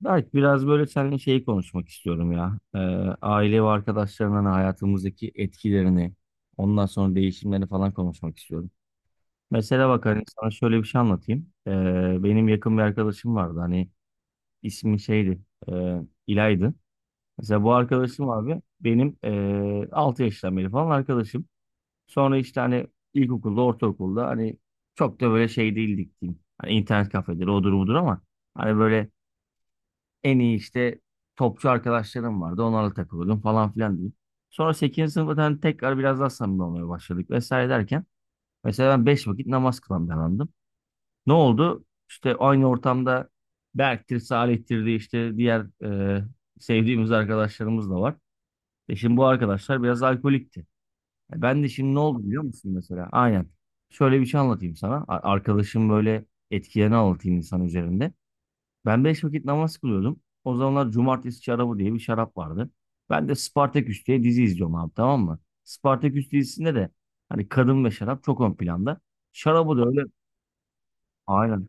Berk biraz böyle seninle şeyi konuşmak istiyorum ya. Aile ve arkadaşların hani hayatımızdaki etkilerini, ondan sonra değişimlerini falan konuşmak istiyorum. Mesela bak hani sana şöyle bir şey anlatayım. Benim yakın bir arkadaşım vardı hani ismi şeydi, e, İlay'dı. Mesela bu arkadaşım abi benim 6 yaştan beri falan arkadaşım. Sonra işte hani ilkokulda, ortaokulda hani çok da böyle şey değildik diyeyim. Hani internet kafeleri odur budur ama hani böyle en iyi işte topçu arkadaşlarım vardı. Onlarla takılıyordum falan filan diyeyim. Sonra sekizinci sınıftan tekrar biraz daha samimi olmaya başladık vesaire derken mesela ben 5 vakit namaz kılan bir adamdım. Ne oldu? İşte aynı ortamda Berk'tir, Salih'tir diye işte diğer e, sevdiğimiz arkadaşlarımız da var. E şimdi bu arkadaşlar biraz alkolikti. E ben de şimdi ne oldu biliyor musun mesela? Aynen. Şöyle bir şey anlatayım sana. Arkadaşım böyle etkilerini anlatayım insan üzerinde. Ben beş vakit namaz kılıyordum. O zamanlar Cumartesi şarabı diye bir şarap vardı. Ben de Spartaküs diye dizi izliyorum abi, tamam mı? Spartaküs dizisinde de hani kadın ve şarap çok ön planda. Şarabı da öyle. Aynen.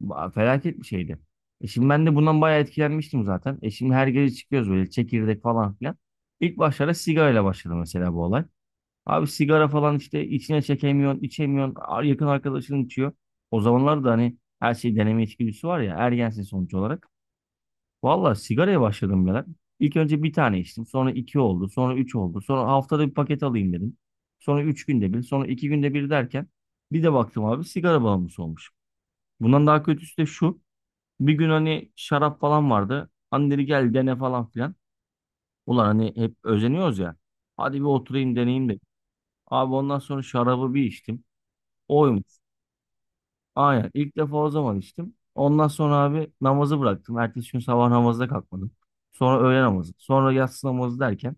Felaket bir şeydi. E şimdi ben de bundan bayağı etkilenmiştim zaten. E şimdi her gece çıkıyoruz böyle çekirdek falan filan. İlk başlarda sigarayla başladı mesela bu olay. Abi sigara falan işte içine çekemiyorsun, içemiyorsun. Yakın arkadaşın içiyor. O zamanlar da hani her şey deneme içgüdüsü var ya, ergensin sonuç olarak. Valla sigaraya başladım ben. İlk önce bir tane içtim. Sonra iki oldu. Sonra üç oldu. Sonra haftada bir paket alayım dedim. Sonra üç günde bir. Sonra iki günde bir derken bir de baktım abi sigara bağımlısı olmuş. Bundan daha kötüsü de şu. Bir gün hani şarap falan vardı. Hani dedi gel dene falan filan. Ulan hani hep özeniyoruz ya. Hadi bir oturayım deneyeyim de. Abi ondan sonra şarabı bir içtim. Oymuş. Aynen. İlk defa o zaman içtim. Ondan sonra abi namazı bıraktım. Ertesi gün sabah namazda kalkmadım. Sonra öğle namazı. Sonra yatsı namazı derken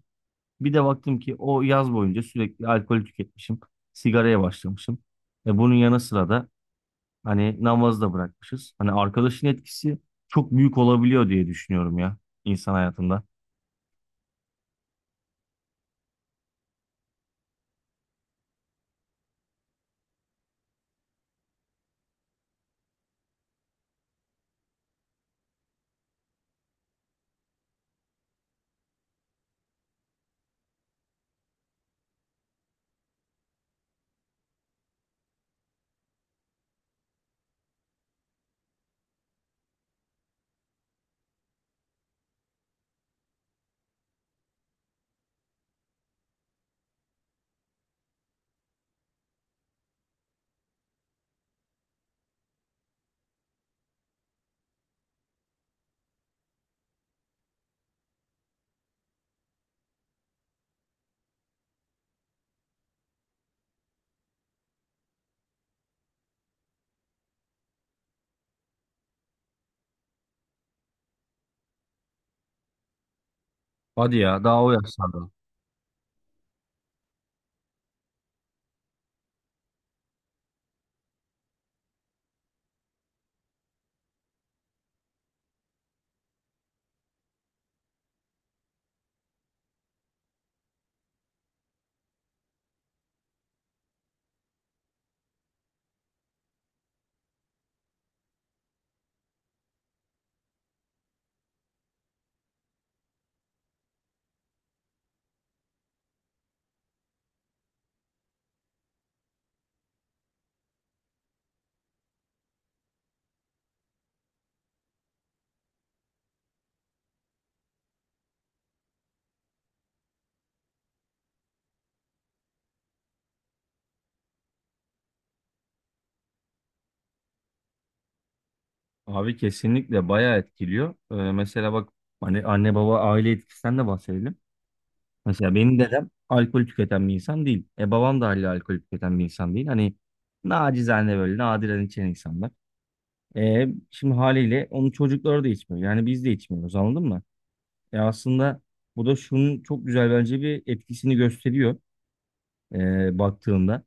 bir de baktım ki o yaz boyunca sürekli alkol tüketmişim. Sigaraya başlamışım. E bunun yanı sıra da hani namazı da bırakmışız. Hani arkadaşın etkisi çok büyük olabiliyor diye düşünüyorum ya insan hayatında. Hadi ya, daha o yaşlarda. Abi kesinlikle bayağı etkiliyor. Mesela bak hani anne baba aile etkisinden de bahsedelim. Mesela benim dedem alkol tüketen bir insan değil. E babam da haliyle alkol tüketen bir insan değil. Hani nacizane böyle nadiren içen insanlar. E şimdi haliyle onun çocukları da içmiyor. Yani biz de içmiyoruz, anladın mı? E aslında bu da şunun çok güzel bence bir etkisini gösteriyor baktığında.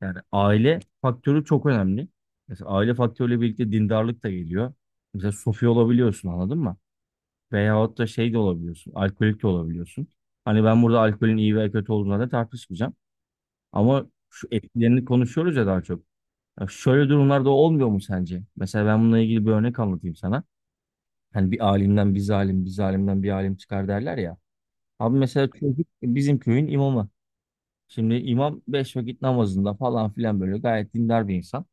Yani aile faktörü çok önemli. Mesela aile faktörüyle birlikte dindarlık da geliyor. Mesela sofi olabiliyorsun, anladın mı? Veyahut da şey de olabiliyorsun. Alkolik de olabiliyorsun. Hani ben burada alkolün iyi veya kötü olduğuna da tartışmayacağım. Ama şu etkilerini konuşuyoruz ya daha çok. Ya şöyle durumlarda olmuyor mu sence? Mesela ben bununla ilgili bir örnek anlatayım sana. Hani bir alimden bir zalim, bir zalimden bir alim çıkar derler ya. Abi mesela çocuk bizim köyün imamı. Şimdi imam beş vakit namazında falan filan böyle gayet dindar bir insan.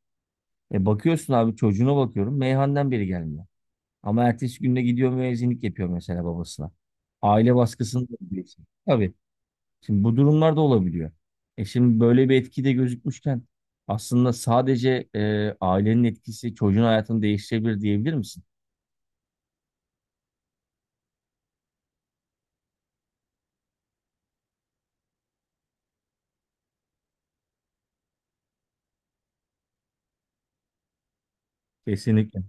E bakıyorsun abi, çocuğuna bakıyorum meyhaneden biri gelmiyor. Ama ertesi günde gidiyor müezzinlik yapıyor mesela babasına. Aile baskısını da biliyorsun. Tabii. Şimdi bu durumlar da olabiliyor. E şimdi böyle bir etki de gözükmüşken aslında sadece ailenin etkisi çocuğun hayatını değiştirebilir diyebilir misin? Kesinlikle.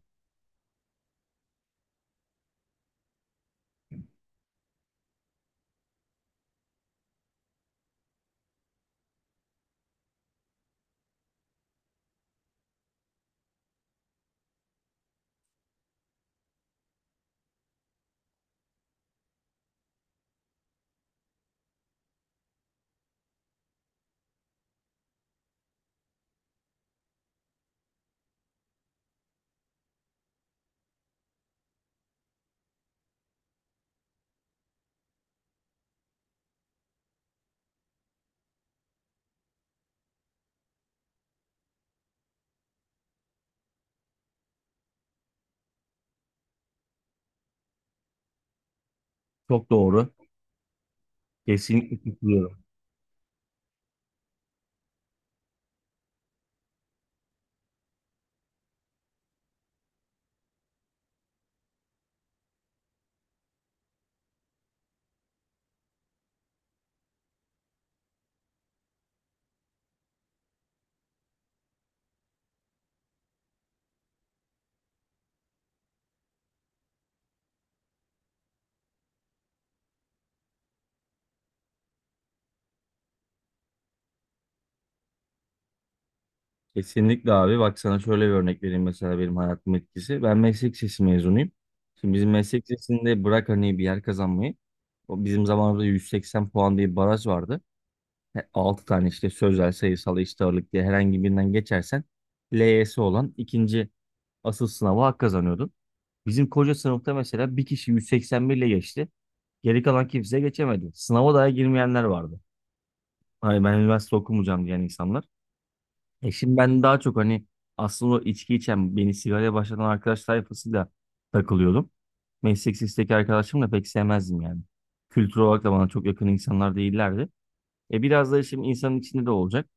Çok doğru. Kesinlikle katılıyorum. Kesinlikle abi. Bak sana şöyle bir örnek vereyim, mesela benim hayatım etkisi. Ben meslek lisesi mezunuyum. Şimdi bizim meslek lisesinde bırak hani bir yer kazanmayı. O bizim zamanımızda 180 puan diye bir baraj vardı. 6 tane işte sözel, sayısal, eşit ağırlık diye herhangi birinden geçersen LYS olan ikinci asıl sınava hak kazanıyordun. Bizim koca sınıfta mesela bir kişi 181 ile geçti. Geri kalan kimse geçemedi. Sınava daha girmeyenler vardı. Hani ben üniversite okumayacağım diyen insanlar. E şimdi ben daha çok hani aslında o içki içen, beni sigaraya başlatan arkadaş tayfasıyla takılıyordum. Meslek lisesteki arkadaşımı pek sevmezdim yani. Kültür olarak da bana çok yakın insanlar değillerdi. E biraz da şimdi insanın içinde de olacak.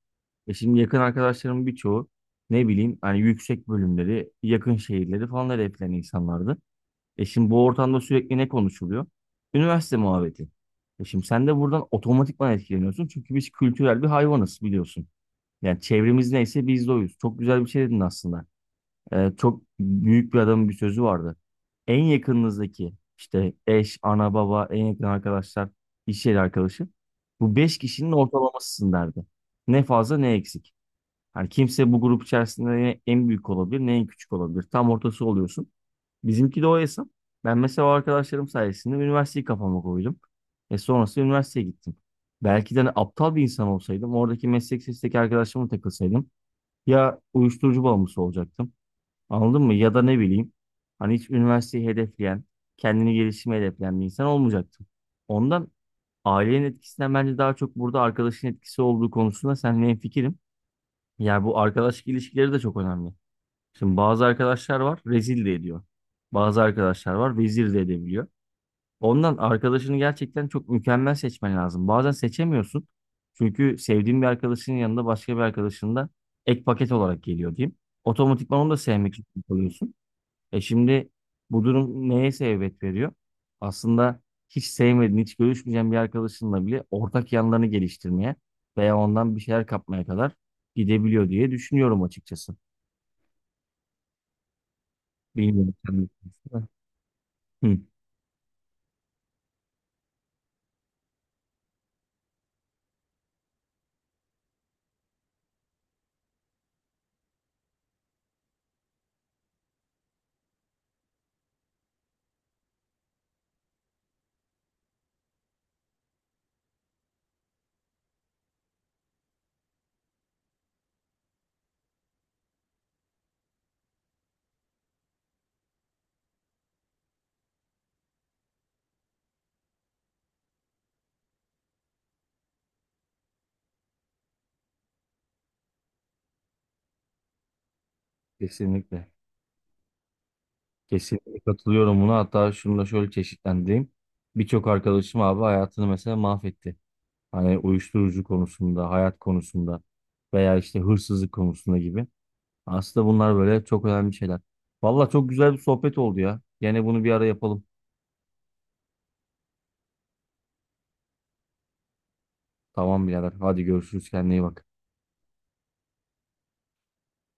E şimdi yakın arkadaşlarımın birçoğu ne bileyim hani yüksek bölümleri, yakın şehirleri falan hedefleyen insanlardı. E şimdi bu ortamda sürekli ne konuşuluyor? Üniversite muhabbeti. E şimdi sen de buradan otomatikman etkileniyorsun. Çünkü biz kültürel bir hayvanız, biliyorsun. Yani çevremiz neyse biz de oyuz. Çok güzel bir şey dedin aslında. Çok büyük bir adamın bir sözü vardı. En yakınınızdaki işte eş, ana, baba, en yakın arkadaşlar, iş yeri arkadaşı. Bu beş kişinin ortalamasısın derdi. Ne fazla ne eksik. Yani kimse bu grup içerisinde ne en büyük olabilir ne en küçük olabilir. Tam ortası oluyorsun. Bizimki de o hesap. Ben mesela o arkadaşlarım sayesinde üniversiteyi kafama koydum. E sonrasında üniversiteye gittim. Belki de hani aptal bir insan olsaydım, oradaki meslek sesindeki arkadaşlarıma takılsaydım ya uyuşturucu bağımlısı olacaktım. Anladın mı? Ya da ne bileyim hani hiç üniversiteyi hedefleyen, kendini gelişime hedefleyen bir insan olmayacaktım. Ondan ailenin etkisinden bence daha çok burada arkadaşın etkisi olduğu konusunda seninle hemfikirim. Yani bu arkadaşlık ilişkileri de çok önemli. Şimdi bazı arkadaşlar var rezil de ediyor. Bazı arkadaşlar var vezir de edebiliyor. Ondan arkadaşını gerçekten çok mükemmel seçmen lazım. Bazen seçemiyorsun. Çünkü sevdiğin bir arkadaşının yanında başka bir arkadaşın da ek paket olarak geliyor diyeyim. Otomatikman onu da sevmek için kalıyorsun. E şimdi bu durum neye sebebiyet veriyor? Aslında hiç sevmediğin, hiç görüşmeyeceğin bir arkadaşınla bile ortak yanlarını geliştirmeye veya ondan bir şeyler kapmaya kadar gidebiliyor diye düşünüyorum açıkçası. Bilmiyorum. Sen ne düşünüyorsun? Hı, kesinlikle. Kesinlikle katılıyorum buna. Hatta şunu da şöyle çeşitlendireyim. Birçok arkadaşım abi hayatını mesela mahvetti. Hani uyuşturucu konusunda, hayat konusunda veya işte hırsızlık konusunda gibi. Aslında bunlar böyle çok önemli şeyler. Valla çok güzel bir sohbet oldu ya. Gene bunu bir ara yapalım. Tamam birader. Hadi görüşürüz. Kendine iyi bak.